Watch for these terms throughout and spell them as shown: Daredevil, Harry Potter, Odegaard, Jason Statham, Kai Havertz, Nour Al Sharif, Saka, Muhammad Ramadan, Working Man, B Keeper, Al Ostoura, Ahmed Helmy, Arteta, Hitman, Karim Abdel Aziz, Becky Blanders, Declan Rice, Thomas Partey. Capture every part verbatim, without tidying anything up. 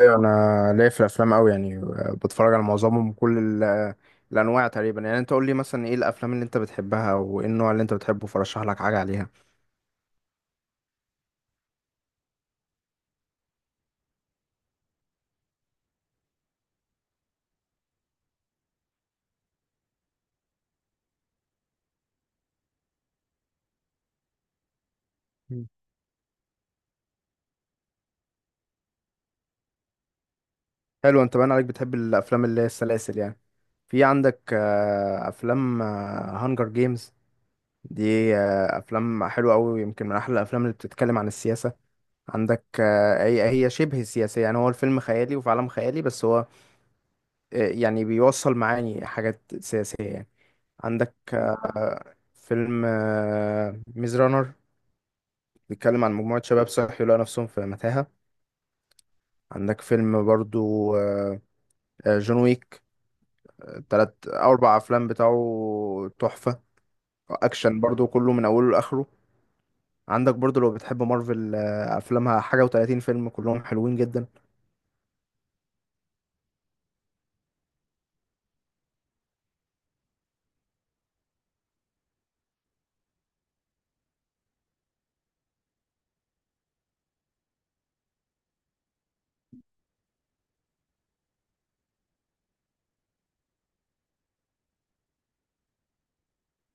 ايوه، انا ليا في الافلام قوي يعني. بتفرج على معظمهم كل ال- الانواع تقريبا. يعني انت قول لي مثلا ايه الافلام اللي انت بتحبها وايه النوع اللي انت بتحبه فرشح لك حاجه عليها. مم. حلو، انت باين عليك بتحب الافلام اللي هي السلاسل يعني. في عندك آه، افلام هانجر جيمز. دي آه، افلام حلوه قوي، يمكن من احلى الافلام اللي بتتكلم عن السياسه. عندك، آه، هي هي شبه سياسيه يعني. هو الفيلم خيالي وفي عالم خيالي بس هو آه، يعني بيوصل معاني حاجات سياسية يعني. عندك آه، فيلم ميز رانر بيتكلم عن مجموعة شباب صحي لقوا نفسهم في متاهة. عندك فيلم برضو آه، آه، جون ويك. آه، تلات أو أربع أفلام بتاعه تحفة. أكشن برضو كله من أوله لآخره. عندك برضو لو بتحب مارفل، آه، أفلامها حاجة وتلاتين فيلم كلهم حلوين جدا.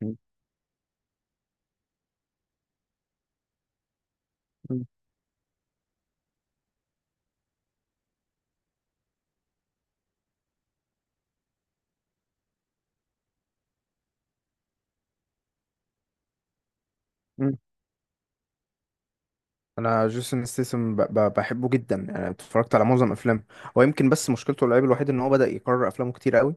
مم. مم. انا جيسون ستيسم بحبه جدا يعني، اتفرجت على معظم افلامه. هو يمكن بس مشكلته، العيب الوحيد ان هو بدأ يكرر افلامه كتير قوي.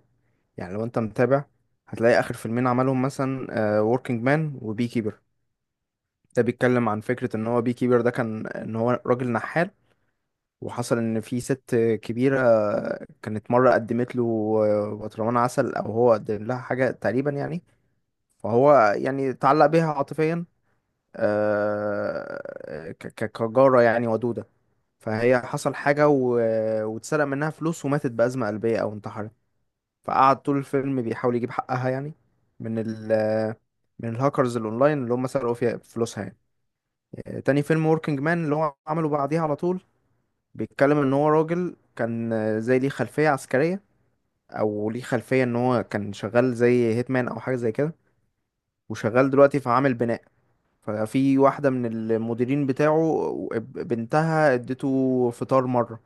يعني لو انت متابع هتلاقي اخر فيلمين عملهم مثلا وركينج مان وبي كيبر. ده بيتكلم عن فكرة ان هو بي كيبر ده كان ان هو راجل نحال، وحصل ان في ست كبيرة كانت مرة قدمت له آه، برطمان عسل او هو قدم لها حاجة تقريبا يعني. فهو يعني تعلق بيها عاطفيا، آه، ك- ك- كجارة يعني ودودة. فهي حصل حاجة و... واتسرق منها فلوس وماتت بأزمة قلبية أو انتحرت. فقعد طول الفيلم بيحاول يجيب حقها يعني، من ال من الهاكرز الأونلاين اللي هم سرقوا فيها فلوسها يعني. آه، تاني فيلم وركينج مان اللي هو عمله بعديها على طول بيتكلم إن هو راجل كان زي ليه خلفية عسكرية، أو ليه خلفية إن هو كان شغال زي هيتمان أو حاجة زي كده. وشغال دلوقتي في عامل بناء. ففي واحدة من المديرين بتاعه، آه، بنتها اديته فطار مرة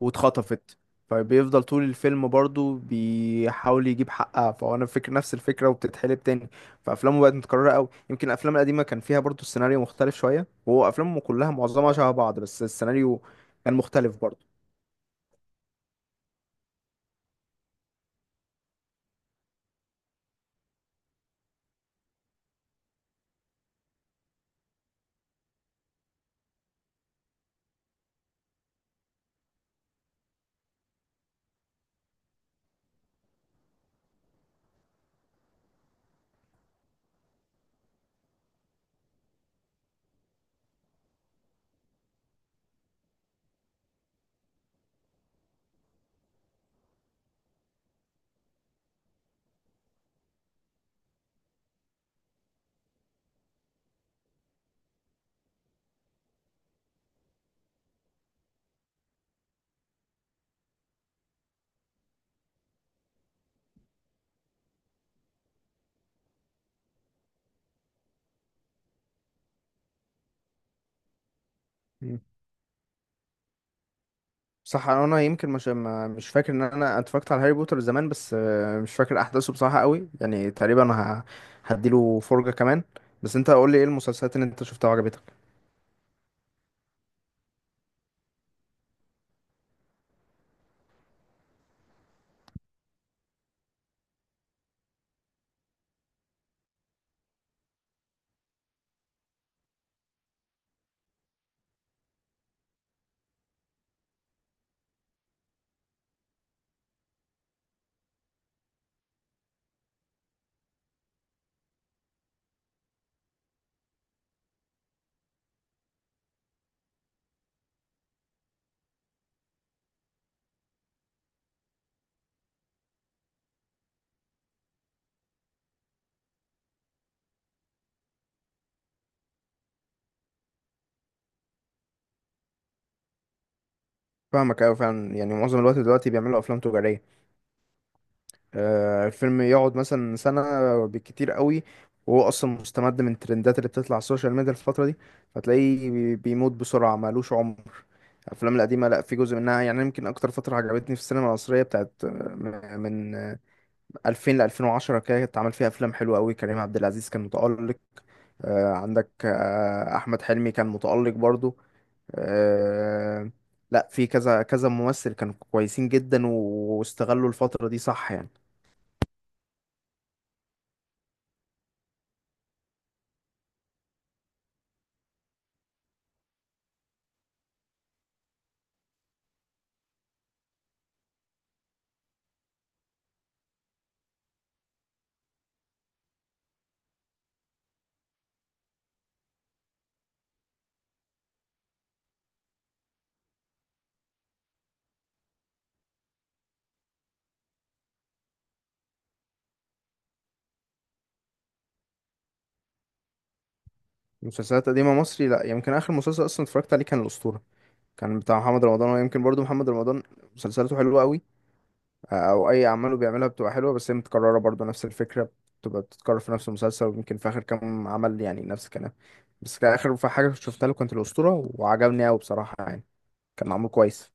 واتخطفت. فبيفضل طول الفيلم برضو بيحاول يجيب حقها، فهو انا فكر نفس الفكره وبتتحلب تاني. فافلامه بقت متكرره قوي، يمكن الافلام القديمه كان فيها برضو السيناريو مختلف شويه، وهو افلامه كلها معظمها شبه بعض بس السيناريو كان مختلف برضو. مم. صح، انا يمكن مش ما- مش فاكر ان انا اتفرجت على هاري بوتر زمان، بس آه، مش فاكر احداثه بصراحه قوي يعني، تقريبا ه- هديله فرجه كمان. بس انت قول لي ايه المسلسلات اللي انت شفتها وعجبتك. فاهمك قوي فعلا، يعني معظم الوقت دلوقتي بيعملوا افلام تجاريه. آه، الفيلم يقعد مثلا سنة بالكتير قوي، وهو أصلا مستمد من الترندات اللي بتطلع على السوشيال ميديا الفترة دي. فتلاقيه بي- بيموت بسرعة مالوش عمر. الأفلام القديمة لأ، في جزء منها، يعني يمكن أكتر فترة عجبتني في السينما المصرية بتاعت آه، م- من آه، ألفين ل ألفين وعشرة كده، اتعمل فيها أفلام حلوة قوي. كريم عبد العزيز كان متألق. آه، عندك آه، أحمد حلمي كان متألق برضو. آه، لأ، في كذا كذا ممثل كانوا كويسين جدا واستغلوا الفترة دي صح يعني. مسلسلات قديمة مصري لا، يمكن آخر مسلسل أصلا اتفرجت عليه كان الأسطورة. كان بتاع محمد رمضان، ويمكن برضو محمد رمضان مسلسلاته حلوة قوي. أو أي أعماله بيعملها بتبقى حلوة، بس هي متكررة برضو نفس الفكرة، بتبقى بتتكرر في نفس المسلسل، ويمكن في آخر كام عمل يعني نفس الكلام. بس كان آخر حاجة شفتها له كانت الأسطورة وعجبني أوي بصراحة يعني، كان معمول كويس.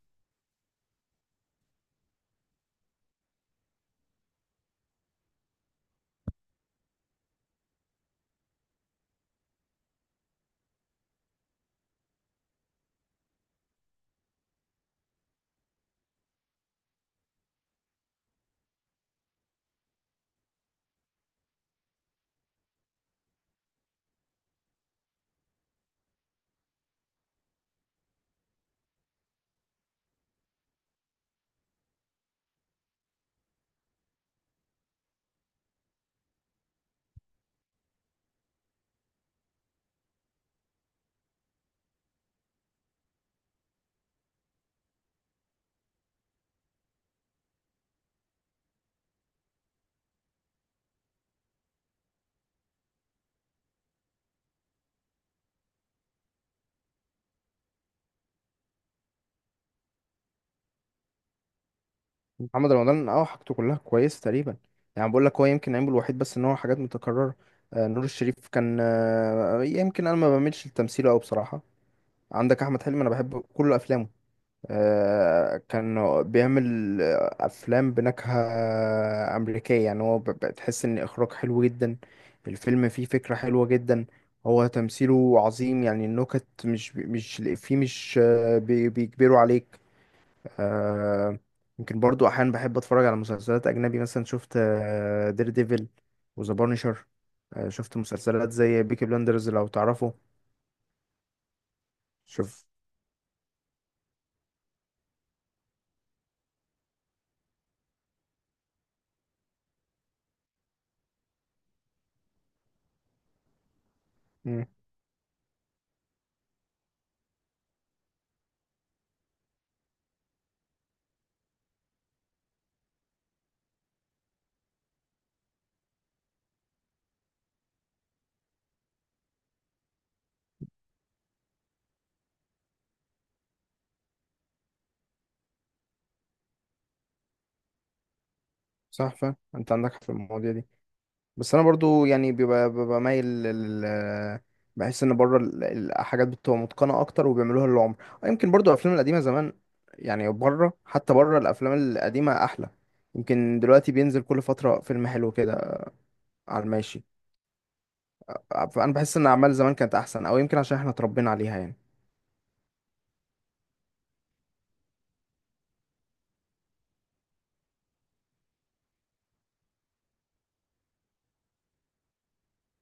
محمد رمضان أه، حاجته كلها كويسة تقريبا. يعني بقول لك هو يمكن عيبه الوحيد بس إن هو حاجات متكررة. آه، نور الشريف كان آه، يمكن أنا ما بعملش التمثيل أوي بصراحة. عندك احمد حلمي انا بحب كل افلامه. آه، كان بيعمل افلام بنكهه امريكيه يعني، هو ب- بتحس ان اخراج حلو جدا، الفيلم فيه فكره حلوه جدا. هو تمثيله عظيم يعني، النكت مش مش فيه مش آه، بي- بيجبروا عليك. آه، يمكن برضو احيانا بحب اتفرج على مسلسلات اجنبي، مثلا شفت دير ديفل وذا بانشر. شفت مسلسلات زي بيكي بلاندرز لو تعرفه. شوف، صح فعلا انت عندك حق في المواضيع دي. بس انا برضو يعني بيبقى ببقى مايل لل بحس ان بره ال- الحاجات بتبقى متقنه اكتر وبيعملوها للعمر. آه، يمكن برضو الافلام القديمه زمان، يعني بره، حتى بره الافلام القديمه احلى. يمكن دلوقتي بينزل كل فتره فيلم حلو كده على الماشي. فانا بحس ان اعمال زمان كانت احسن، او يمكن عشان احنا اتربينا عليها يعني.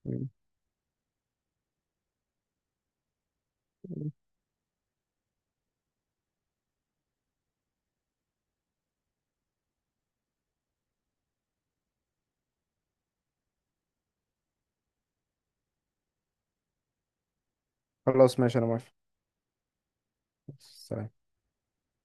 مم. خلاص ماشي، انا موافق. سلام.